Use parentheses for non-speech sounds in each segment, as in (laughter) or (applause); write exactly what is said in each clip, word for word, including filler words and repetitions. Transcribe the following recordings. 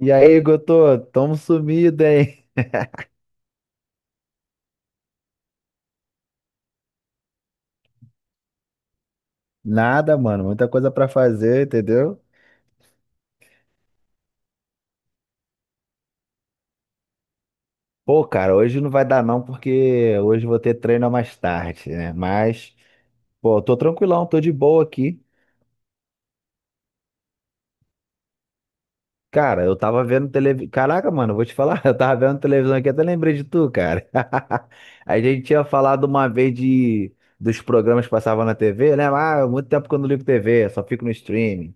E aí, Gotô, tamo sumido, hein? Nada, mano, muita coisa pra fazer, entendeu? Pô, cara, hoje não vai dar não, porque hoje eu vou ter treino mais tarde, né? Mas, pô, eu tô tranquilão, tô de boa aqui. Cara, eu tava vendo televisão. Caraca, mano, eu vou te falar, (laughs) eu tava vendo televisão aqui, até lembrei de tu, cara. (laughs) A gente tinha falado uma vez de dos programas que passavam na T V, né? Ah, muito tempo que eu não ligo T V, só fico no streaming.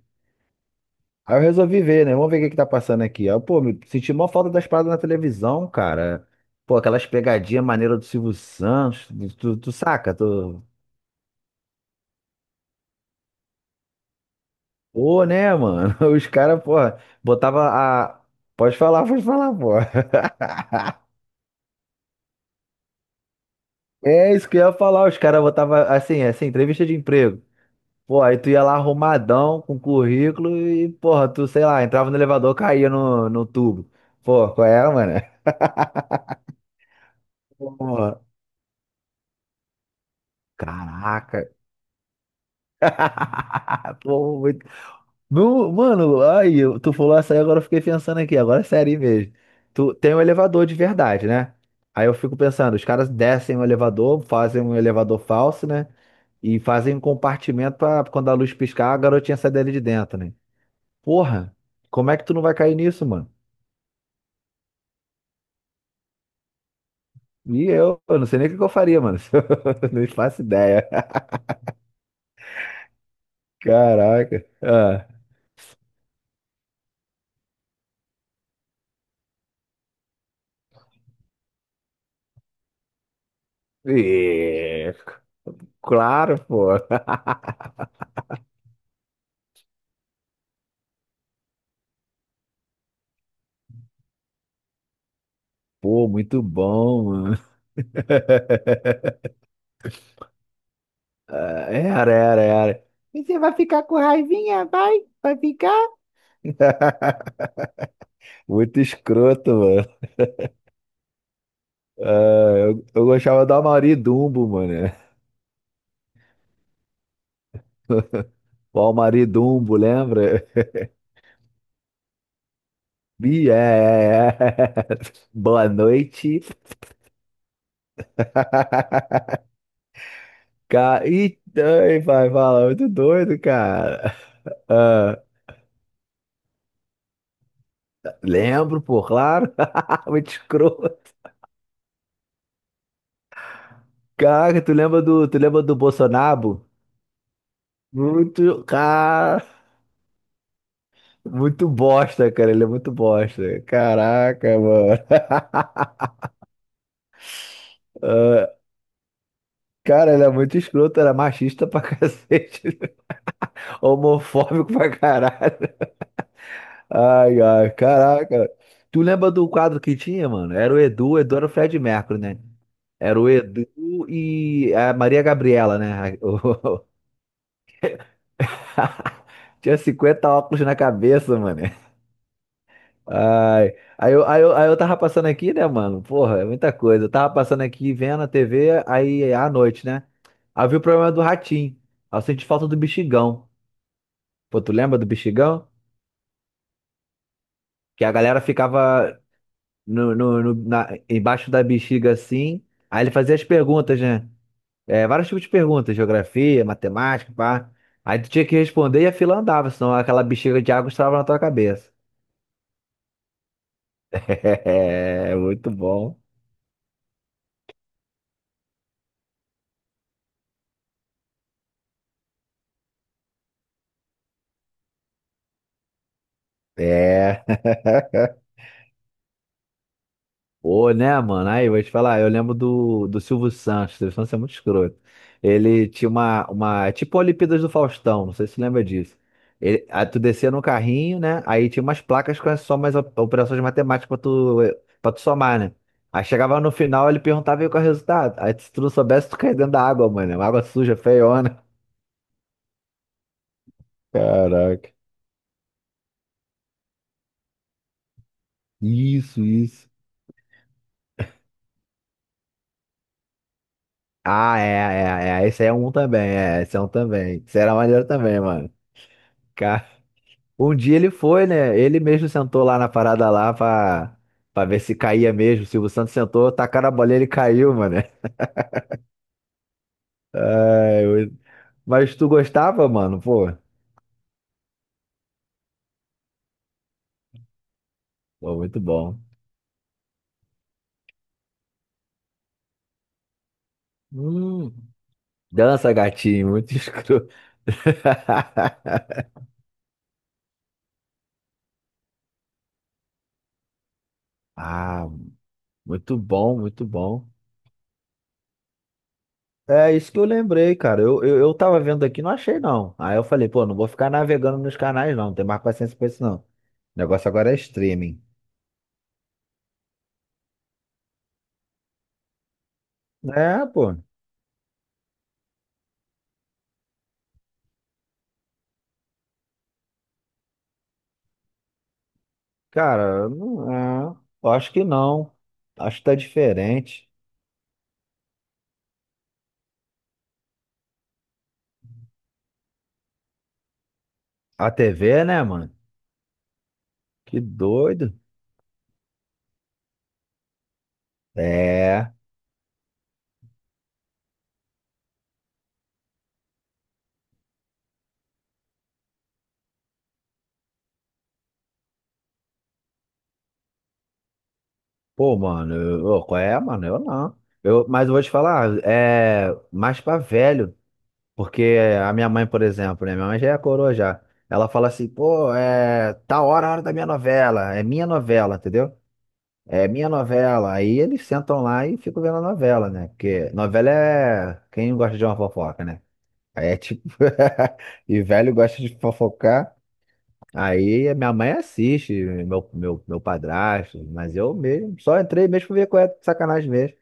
Aí eu resolvi ver, né? Vamos ver o que que tá passando aqui. Aí, eu, pô, me senti mó falta das paradas na televisão, cara. Pô, aquelas pegadinhas maneiras do Silvio Santos. Tu, tu- tu saca? Tu... Pô, né, mano? (laughs) Os caras, porra, botava a. Pode falar, pode falar, pô. É isso que eu ia falar. Os caras botavam assim, assim, entrevista de emprego. Pô, aí tu ia lá arrumadão com currículo e, porra, tu, sei lá, entrava no elevador, caía no, no tubo. Pô, qual é, mano? (laughs) Porra, caraca. (laughs) Pô, muito. Não, mano, ai, eu- tu falou essa aí, agora eu fiquei pensando aqui, agora é sério mesmo. Tu tem um elevador de verdade, né? Aí eu fico pensando, os caras descem o elevador, fazem um elevador falso, né? E fazem um compartimento pra quando a luz piscar, a garotinha sai dele de dentro, né? Porra, como é que tu não vai cair nisso, mano? E eu, eu não sei nem o que que eu faria, mano. (laughs) Eu Não faço ideia. Caraca. Ah. Ih, claro, pô. Pô, muito bom, mano. (laughs) Ah, Era, era, era. E você vai ficar com raivinha? Vai? Vai ficar? Muito escroto, mano. Ah, eu, eu gostava do Almari Dumbo, mano. O Almari Dumbo, lembra? (laughs) Bi, é, é, é. (laughs) Boa noite. Cara, e ai, vai falar, muito doido, cara. Ah, lembro, pô, claro. (laughs) Muito escroto. Cara, tu lembra do, tu lembra do Bolsonaro? Muito, cara Muito bosta, cara. Ele é muito bosta. Caraca, mano. Ah, Cara, ele é muito escroto, era machista pra (laughs) cacete, homofóbico pra caralho. Ai, ai, caraca. Tu lembra do quadro que tinha, mano? Era o Edu, o Edu era o Fred Mercury, né? Era o Edu e a Maria Gabriela, né? O- (laughs) Tinha cinquenta óculos na cabeça, mano. Ai. Aí eu, aí, eu, aí eu tava passando aqui, né, mano? Porra, é muita coisa. Eu tava passando aqui vendo a T V, aí à noite, né? Havia o problema do ratinho. Aí Eu senti falta do bexigão. Pô, tu lembra do bexigão? Que a galera ficava no, no- no- na- embaixo da bexiga assim. Aí ele fazia as perguntas, né? É, vários tipos de perguntas, geografia, matemática, pá. Aí tu tinha que responder e a fila andava, senão aquela bexiga de água estrava na tua cabeça. (laughs) É, muito bom. É. (laughs) Pô, né, mano? Aí, eu vou te falar, eu lembro do, do Silvio Santos, o Silvio Santos é muito escroto. Ele tinha uma, uma, é tipo a Olimpíadas do Faustão, não sei se você lembra disso. Ele, aí tu descia no carrinho, né? Aí tinha umas placas com as somas, op- operações matemáticas pra tu, eh, pra tu somar, né? Aí chegava no final, ele perguntava aí qual é o resultado. Aí se tu não soubesse, tu caía dentro da água, mano. Água suja, feiona. Caraca. Isso, isso. Ah, é, é, é. Esse aí é um também, é. Esse é um também. Esse era maneiro também, mano. Um dia ele foi, né? Ele mesmo sentou lá na parada lá pra, pra ver se caía mesmo. O Silvio Santos sentou, tacaram a bolinha, ele caiu, mano. (laughs) Ai, eu- Mas tu gostava, mano? Pô, pô, muito bom. Hum, Dança, gatinho, muito escroto. (laughs) Ah, muito bom, muito bom. É isso que eu lembrei, cara. Eu, eu, eu tava vendo aqui, não achei não. Aí eu falei, pô, não vou ficar navegando nos canais não, não tem mais paciência pra isso não. O negócio agora é streaming. É, pô. Cara, não é. Eu acho que não. Acho que tá diferente. A T V, né, mano? Que doido. É. Pô, mano, eu, ô, qual é, mano? Eu não. Eu, mas eu vou te falar, é mais pra velho. Porque a minha mãe, por exemplo, né? Minha mãe já é coroa já. Ela fala assim, pô, é tá hora, a hora da minha novela. É minha novela, entendeu? É minha novela. Aí eles sentam lá e ficam vendo a novela, né? Porque novela é quem gosta de uma fofoca, né? É tipo, (laughs) e velho gosta de fofocar. Aí a minha mãe assiste, meu, meu, meu padrasto, mas eu mesmo só entrei mesmo pra ver qual é a sacanagem mesmo.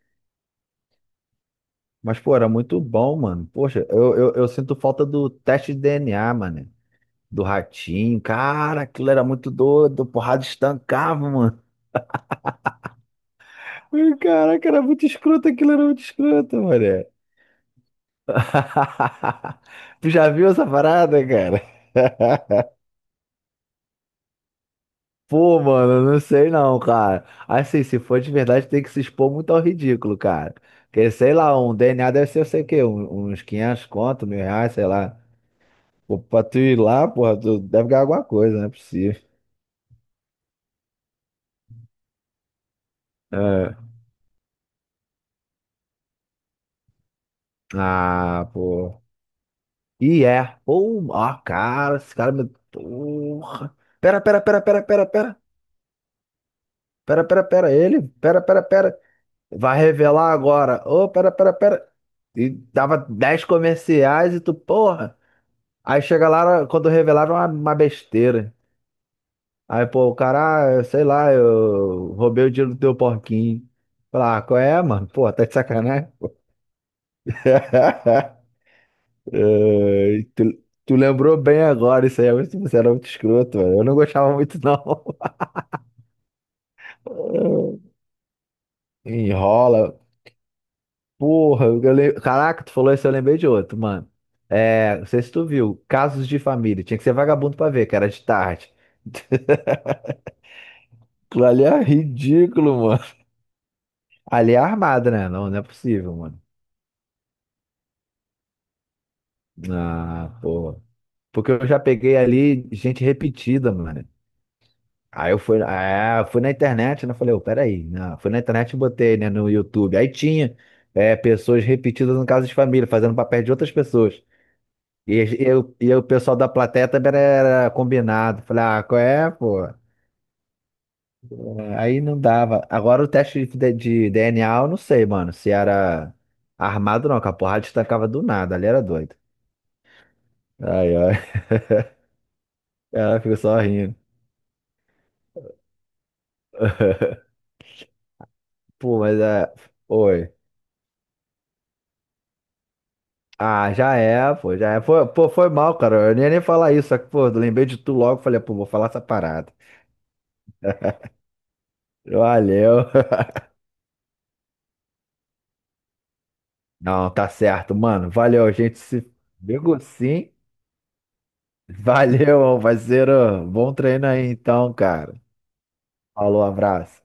Mas, pô, era muito bom, mano. Poxa, eu, eu, eu sinto falta do teste de D N A, mano. Do ratinho. Cara, aquilo era muito doido. Porrada estancava, mano. Ih, Caraca, era muito escroto, aquilo era muito escroto, mano. (laughs) Tu já viu essa parada, cara? (laughs) Pô, mano, não sei não, cara. Assim, se for de verdade, tem que se expor muito ao ridículo, cara. Porque, sei lá, um D N A deve ser, eu sei o quê, um- uns quinhentos conto, mil reais, sei lá. Pô, pra tu ir lá, porra, tu deve ganhar alguma coisa, não é possível. É. Ah, pô. E é. Pô, ó, cara, esse cara me... Porra. Pera, pera, pera, pera, pera, pera. Pera, pera, pera, ele. Pera, pera, pera. Vai revelar agora. Ô, pera, pera, pera. E dava dez comerciais e tu, porra. Aí chega lá, quando revelaram uma, uma besteira. Aí, pô, o cara, ah, sei lá, eu roubei o dinheiro do teu porquinho. Falar, ah, qual é, mano? Pô, tá de sacanagem? (laughs) Ai, tu, tu lembrou bem agora isso aí. Mas Você era muito escroto, mano. Eu não gostava muito, não. (laughs) Enrola. Porra, eu le- caraca, tu falou isso, eu lembrei de outro, mano. É, não sei se tu viu, Casos de Família. Tinha que ser vagabundo pra ver, que era de tarde. (laughs) Aquilo ali é ridículo, Ali é armado, né? Não, não é possível, mano. Ah, pô. Porque eu já peguei ali gente repetida, mano. Aí eu fui, ah, fui na internet, né? Falei, ô, peraí. Não, fui na internet e botei, né, no YouTube. Aí tinha é, pessoas repetidas no caso de família, fazendo papel de outras pessoas. E eu, e o pessoal da plateia também era, era combinado. Falei, ah, qual é, pô? Aí não dava. Agora o teste de, de D N A, eu não sei, mano, se era armado ou não, que a porrada destacava do nada. Ali era doido. Ai, ai. Ela ficou só rindo. (laughs) Pô, mas é. Oi. Ah, já é, pô, já é. Foi, pô, foi mal, cara. Eu nem ia nem falar isso, só que, pô, eu lembrei de tu logo. Falei, pô, vou falar essa parada. Valeu. (laughs) Não, tá certo, mano. Valeu, a gente. Se pegou sim. Valeu, parceiro. Bom treino aí, então, cara. Falou, abraço.